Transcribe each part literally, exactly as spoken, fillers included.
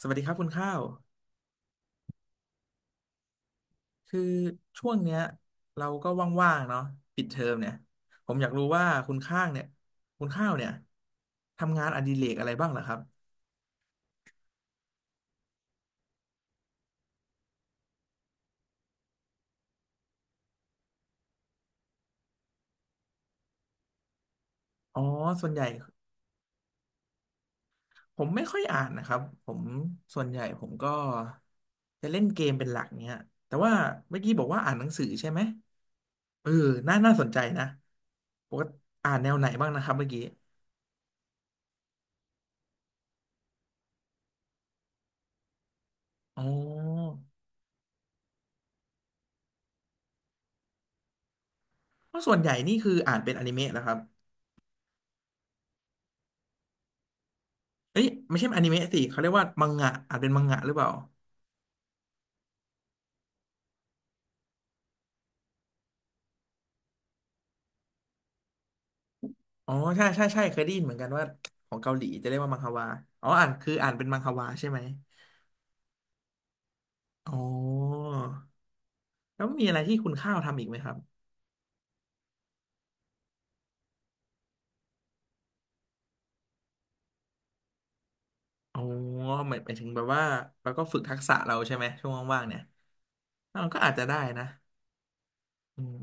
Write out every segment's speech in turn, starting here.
สวัสดีครับคุณข้าว คือช่วงเนี้ยเราก็ว่างๆเนาะปิดเทอมเนี่ยผมอยากรู้ว่าคุณข้างเนี่ยคุณข้าวเนี่ยทำงานอดิเรกอะไรบ้างเหรอครับอ๋อส่วนใหญ่ผมไม่ค่อยอ่านนะครับผมส่วนใหญ่ผมก็จะเล่นเกมเป็นหลักเนี้ยแต่ว่าเมื่อกี้บอกว่าอ่านหนังสือใช่ไหมเออน่าน่าสนใจนะปกติอ่านแนวไหนบ้างนะครับเมื่อกี้อ๋อเพราะส่วนใหญ่นี่คืออ่านเป็นอนิเมะเหครับ เอ้ยไม่ใช่อนิเมะสิเขาเรียกว่ามังงะอาจเป็นมังงะหรือเปล่าอ๋อใช่ใช่ใช่เคยได้ยินเหมือนกันว่าของเกาหลีจะเรียกว่ามังฮวาอ๋ออ่านคืออ่านเป็นมังฮวาใช่ไหมอ๋อแล้วมีอะไรที่คุณข้าวทำอีกไหมครับอ๋อหมายหมายถึงแบบว่าเราก็ฝึกทักษะเราใช่ไหมช่วงว่างๆเนี่ยเราก็อาจจะได้นะอืม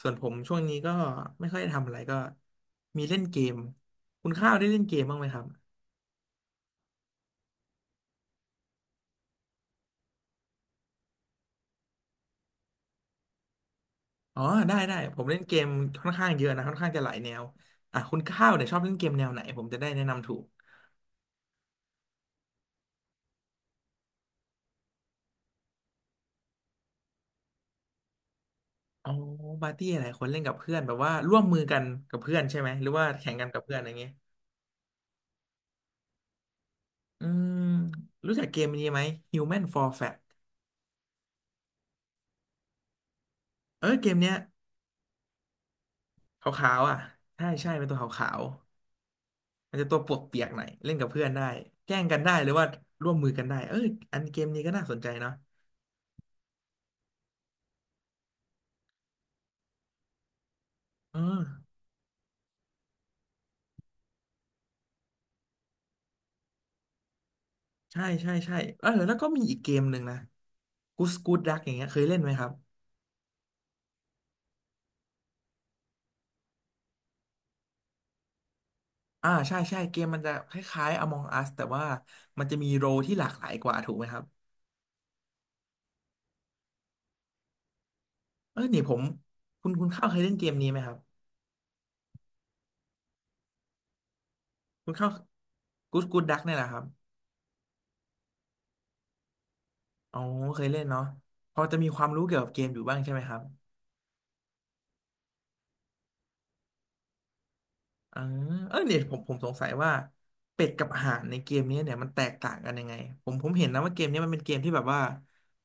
ส่วนผมช่วงนี้ก็ไม่ค่อยได้ทำอะไรก็มีเล่นเกมคุณข้าวได้เล่นเกมบ้างไหมครับ อ๋อได้ได้ผมเล่นเกมค่อนข้างเยอะนะค่อนข้างจะหลายแนวอ่ะคุณข้าวเนี่ยชอบเล่นเกมแนวไหนผมจะได้แนะนำถูกอ๋อปาร์ตี้อะไรคนเล่นกับเพื่อนแบบว่าร่วมมือกันกับเพื่อนใช่ไหมหรือว่าแข่งกันกับเพื่อนอะไรเงี้ยอืมรู้จักเกมนี้ไหม Human for Fat เออเกมเนี้ยขาวๆอ่ะใช่ใช่เป็นตัวขาวๆมันจะตัวปวกเปียกหน่อยเล่นกับเพื่อนได้แกล้งกันได้หรือว่าร่วมมือกันได้เอออันเกมนี้ก็น่าสนใจเนาะเออ ใช่ใช่ใช่เออแล้วก็มีอีกเกมหนึ่งนะกูสกูดดักอย่างเงี้ยเคยเล่นไหมครับอ่าใช่ใช่เกมมันจะคล้ายๆ Among Us แต่ว่ามันจะมีโรลที่หลากหลายกว่าถูกไหมครับเออเนี่ยผมคุณคุณเข้าวเคยเล่นเกมนี้ไหมครับคุณเข้าวกูสกูดดักเนี่ยแหละครับอ๋อเคยเล่นเนาะพอจะมีความรู้เกี่ยวกับเกมอยู่บ้างใช่ไหมครับ อ่าเออเนี่ยผมผมสงสัยว่าเป็ดกับห่านในเกมนี้เนี่ยมันแตกต่างกันยังไงผมผมเห็นนะว่าเกมนี้มันเป็นเกมที่แบบว่า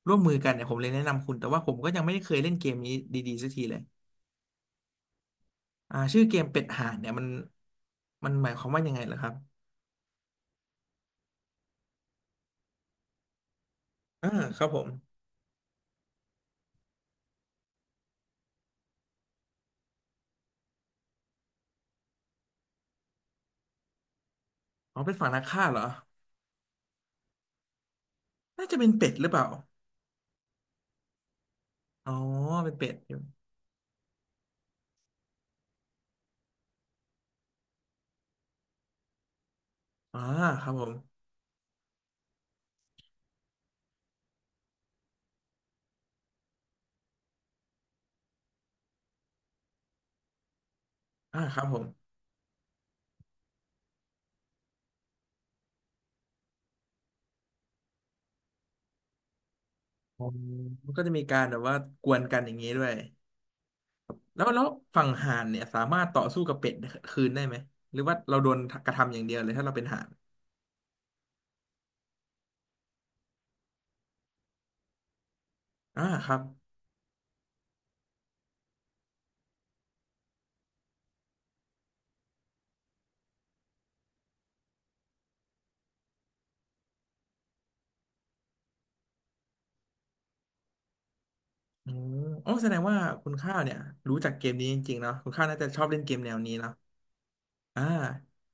ร่วมมือกันเนี่ยผมเลยแนะนำคุณแต่ว่าผมก็ยังไม่ได้เคยเล่นเกมนี้ดีๆสักทีเลยอ่าชื่อเกมเป็ดห่านเนี่ยมันมันหมายความว่ายังไงเหรอครับอ่าครับผมอ๋อเป็นฝั่งนักฆ่าเหรอน่าจะเป็นเป็ดหรือเปล่าอ๋อเป็นเป็ดอยู่อ่าครับผมอ่าครับผมอ๋อมันก็จะมีการแบบว่ากวนกันอย่างนี้ด้วย แล้วแล้วฝั่งห่านเนี่ยสามารถต่อสู้กับเป็ดคืนได้ไหมหรือว่าเราโดนกระทำอย่างเดียวเลยถ้าเราเป็นห่านอ่าครับอืมโอ้แสดงว่าคุณข้าวเนี่ยรู้จักเกมนี้จริงๆเนาะคุณข้าวน่าจะชอบเล่นเกมแนวนี้เนาะอ่า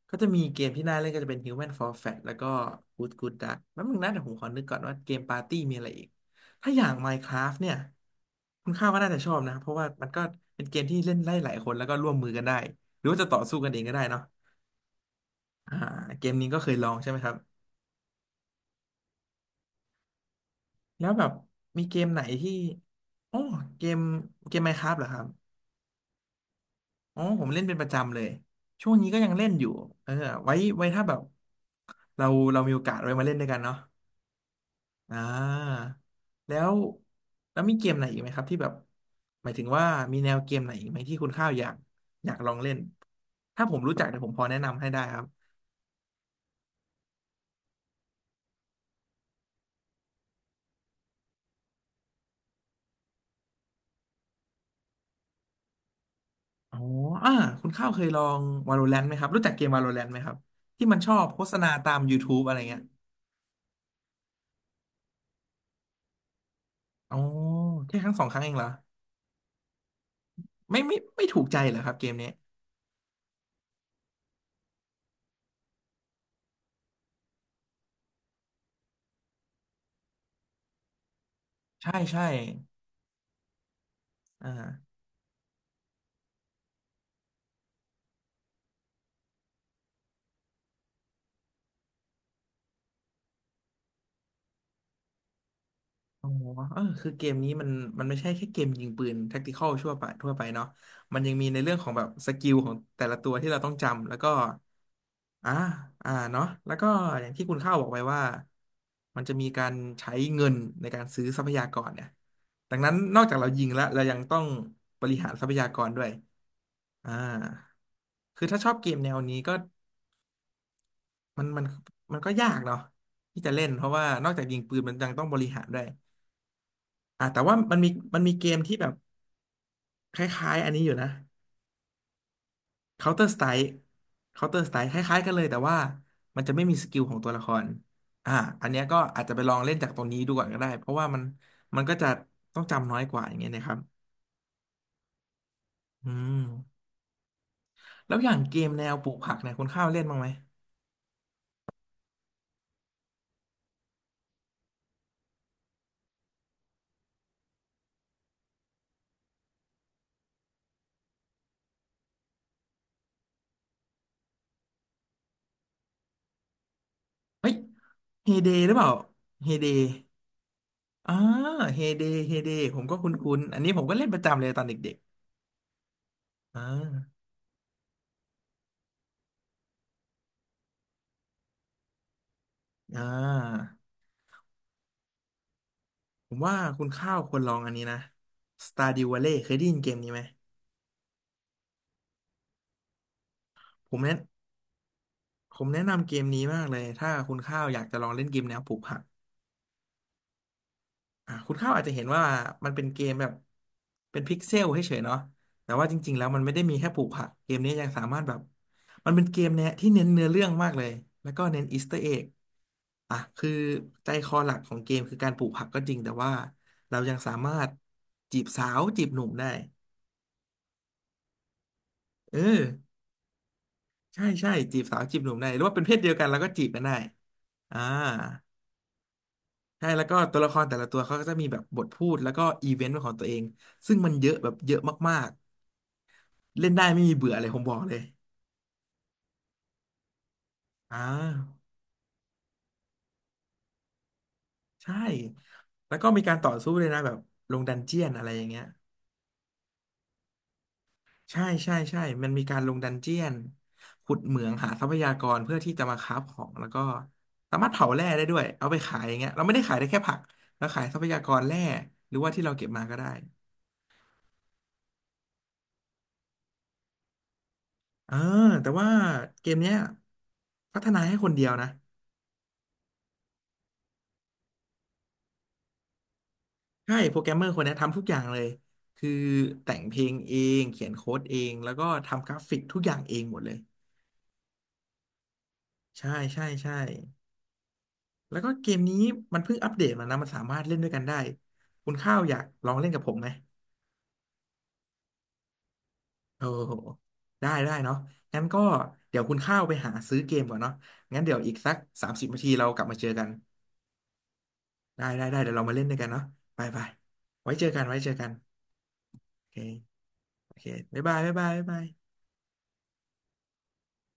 ก็จะมีเกมที่น่าเล่นก็จะเป็น Human for Fat แล้วก็ Good Good Duck แล้วมึงนะเดี๋ยวผมขอนึกก่อนว่าเกมปาร์ตี้มีอะไรอีกถ้าอย่าง Minecraft เนี่ยคุณข้าวก็น่าจะชอบนะเพราะว่ามันก็เป็นเกมที่เล่นได้หลายคนแล้วก็ร่วมมือกันได้หรือว่าจะต่อสู้กันเองก็ได้เนาะอ่าเกมนี้ก็เคยลองใช่ไหมครับ แล้วแบบมีเกมไหนที่อ๋อเกมเกม Minecraft เหรอครับอ๋อผมเล่นเป็นประจำเลยช่วงนี้ก็ยังเล่นอยู่เออไว้ไว้ถ้าแบบเราเรามีโอกาสไว้มาเล่นด้วยกันเนาะอ่าแล้วแล้วมีเกมไหนอีกไหมครับที่แบบหมายถึงว่ามีแนวเกมไหนอีกไหมที่คุณข้าวอยากอยากลองเล่นถ้าผมรู้จักเดี๋ยวผมพอแนะนำให้ได้ครับอ๋ออ่าคุณข้าวเคยลอง Valorant ไหมครับรู้จักเกม Valorant ไหมครับที่มันชอบโฆษณาตาม YouTube อะไรเงี้ย อ๋อแค่ครั้งสองครั้งเองเหรอไม่ไม่ไม่ถูกใจเหรอครับเกมนี้ใช่ใช่อ่าอ๋อเออคือเกมนี้มันมันไม่ใช่แค่เกมยิงปืนแท็กติคอลทั่วไปทั่วไปเนาะมันยังมีในเรื่องของแบบสกิลของแต่ละตัวที่เราต้องจำแล้วก็อ่าอ่าเนาะแล้วก็อย่างที่คุณข้าวบอกไปว่ามันจะมีการใช้เงินในการซื้อทรัพยากรเนี่ยดังนั้นนอกจากเรายิงแล้วเรายังต้องบริหารทรัพยากรด้วยอ่าคือถ้าชอบเกมแนวนี้ก็ มันมันมันก็ยากเนาะที่จะเล่นเพราะว่านอกจากยิงปืนมันยังต้องบริหารด้วยอ่าแต่ว่ามันมีมันมีเกมที่แบบคล้ายๆอันนี้อยู่นะ Counter Strike Counter Strike คล้ายๆกันเลยแต่ว่ามันจะไม่มีสกิลของตัวละครอ่าอันเนี้ยก็อาจจะไปลองเล่นจากตรงนี้ดูก่อนก็ได้เพราะว่ามันมันก็จะต้องจำน้อยกว่าอย่างเงี้ยนะครับอืมแล้วอย่างเกมแนวปลูกผักเนี่ยคุณข้าวเล่นบ้างไหมเฮ้ยเฮเดหรือเปล่าเฮเด อ่าเฮเดเฮเดผมก็คุ้นๆอันนี้ผมก็เล่นประจำเลยตอนเด็กๆอ่าอ่าผมว่าคุณข้าวควรลองอันนี้นะ Stardew Valley เคยได้ยินเกมนี้ไหมผมแนะผมแนะนำเกมนี้มากเลยถ้าคุณข้าวอยากจะลองเล่นเกมแนวปลูกผัก อ่าคุณข้าวอาจจะเห็นว่ามันเป็นเกมแบบเป็นพิกเซลเฉยๆเนาะแต่ว่าจริงๆแล้วมันไม่ได้มีแค่ปลูกผักเกมนี้ยังสามารถแบบมันเป็นเกมเนี่ยที่เน้นเนื้อเรื่องมากเลยแล้วก็เน้นอีสเตอร์เอ็กอ่ะคือใจคอหลักของเกมคือการปลูกผักก็จริงแต่ว่าเรายังสามารถจีบสาวจีบหนุ่มได้เออใช่ใช่จีบสาวจีบหนุ่มได้หรือว่าเป็นเพศเดียวกันแล้วก็จีบกันได้อ่าใช่แล้วก็ตัวละครแต่ละตัวเขาก็จะมีแบบบทพูดแล้วก็อีเวนต์ของตัวเอง ซึ่งมันเยอะแบบเยอะมาก เล่นได้ไม่มีเบื่อเลยผมบอกเลย อ่าใช่ แล้วก็มีการต่อสู้เลยนะแบบลงดันเจียนอะไรอย่างเงี้ยใช่ใช่ใช่มันมีการลงดันเจียนขุดเหมืองหาทรัพยากรเพื่อที่จะมาค้าฟของแล้วก็สามารถเผาแร่ได้ด้วยเอาไปขายอย่างเงี้ยเราไม่ได้ขายได้แค่ผักเราขายทรัพยากรแร่หรือว่าที่เราเก็บมาก็ได้เออแต่ว่าเกมเนี้ยพัฒนาให้คนเดียวนะ ใช่โปรแกรมเมอร์คนเนี้ยทำทุกอย่างเลยคือแต่งเพลงเองเขียนโค้ดเองแล้วก็ทำกราฟิกทุกอย่างเองหมดเลยใช่ใช่ใช่แล้วก็เกมนี้มันเพิ่งอัปเดตมานะมันสามารถเล่นด้วยกันได้คุณข้าวอยากลองเล่นกับผมไหมโอ้โหได้ได้เนาะงั้นก็เดี๋ยวคุณข้าวไปหาซื้อเกมก่อนเนาะงั้นเดี๋ยวอีกสักสามสิบนาทีเรากลับมาเจอกันได้ได้ได้เดี๋ยวเรามาเล่นด้วยกันเนาะไปไปไว้เจอกันไว้เจอกันโอเคโอเคบ๊ายบายบ๊ายบายบ๊ายบาย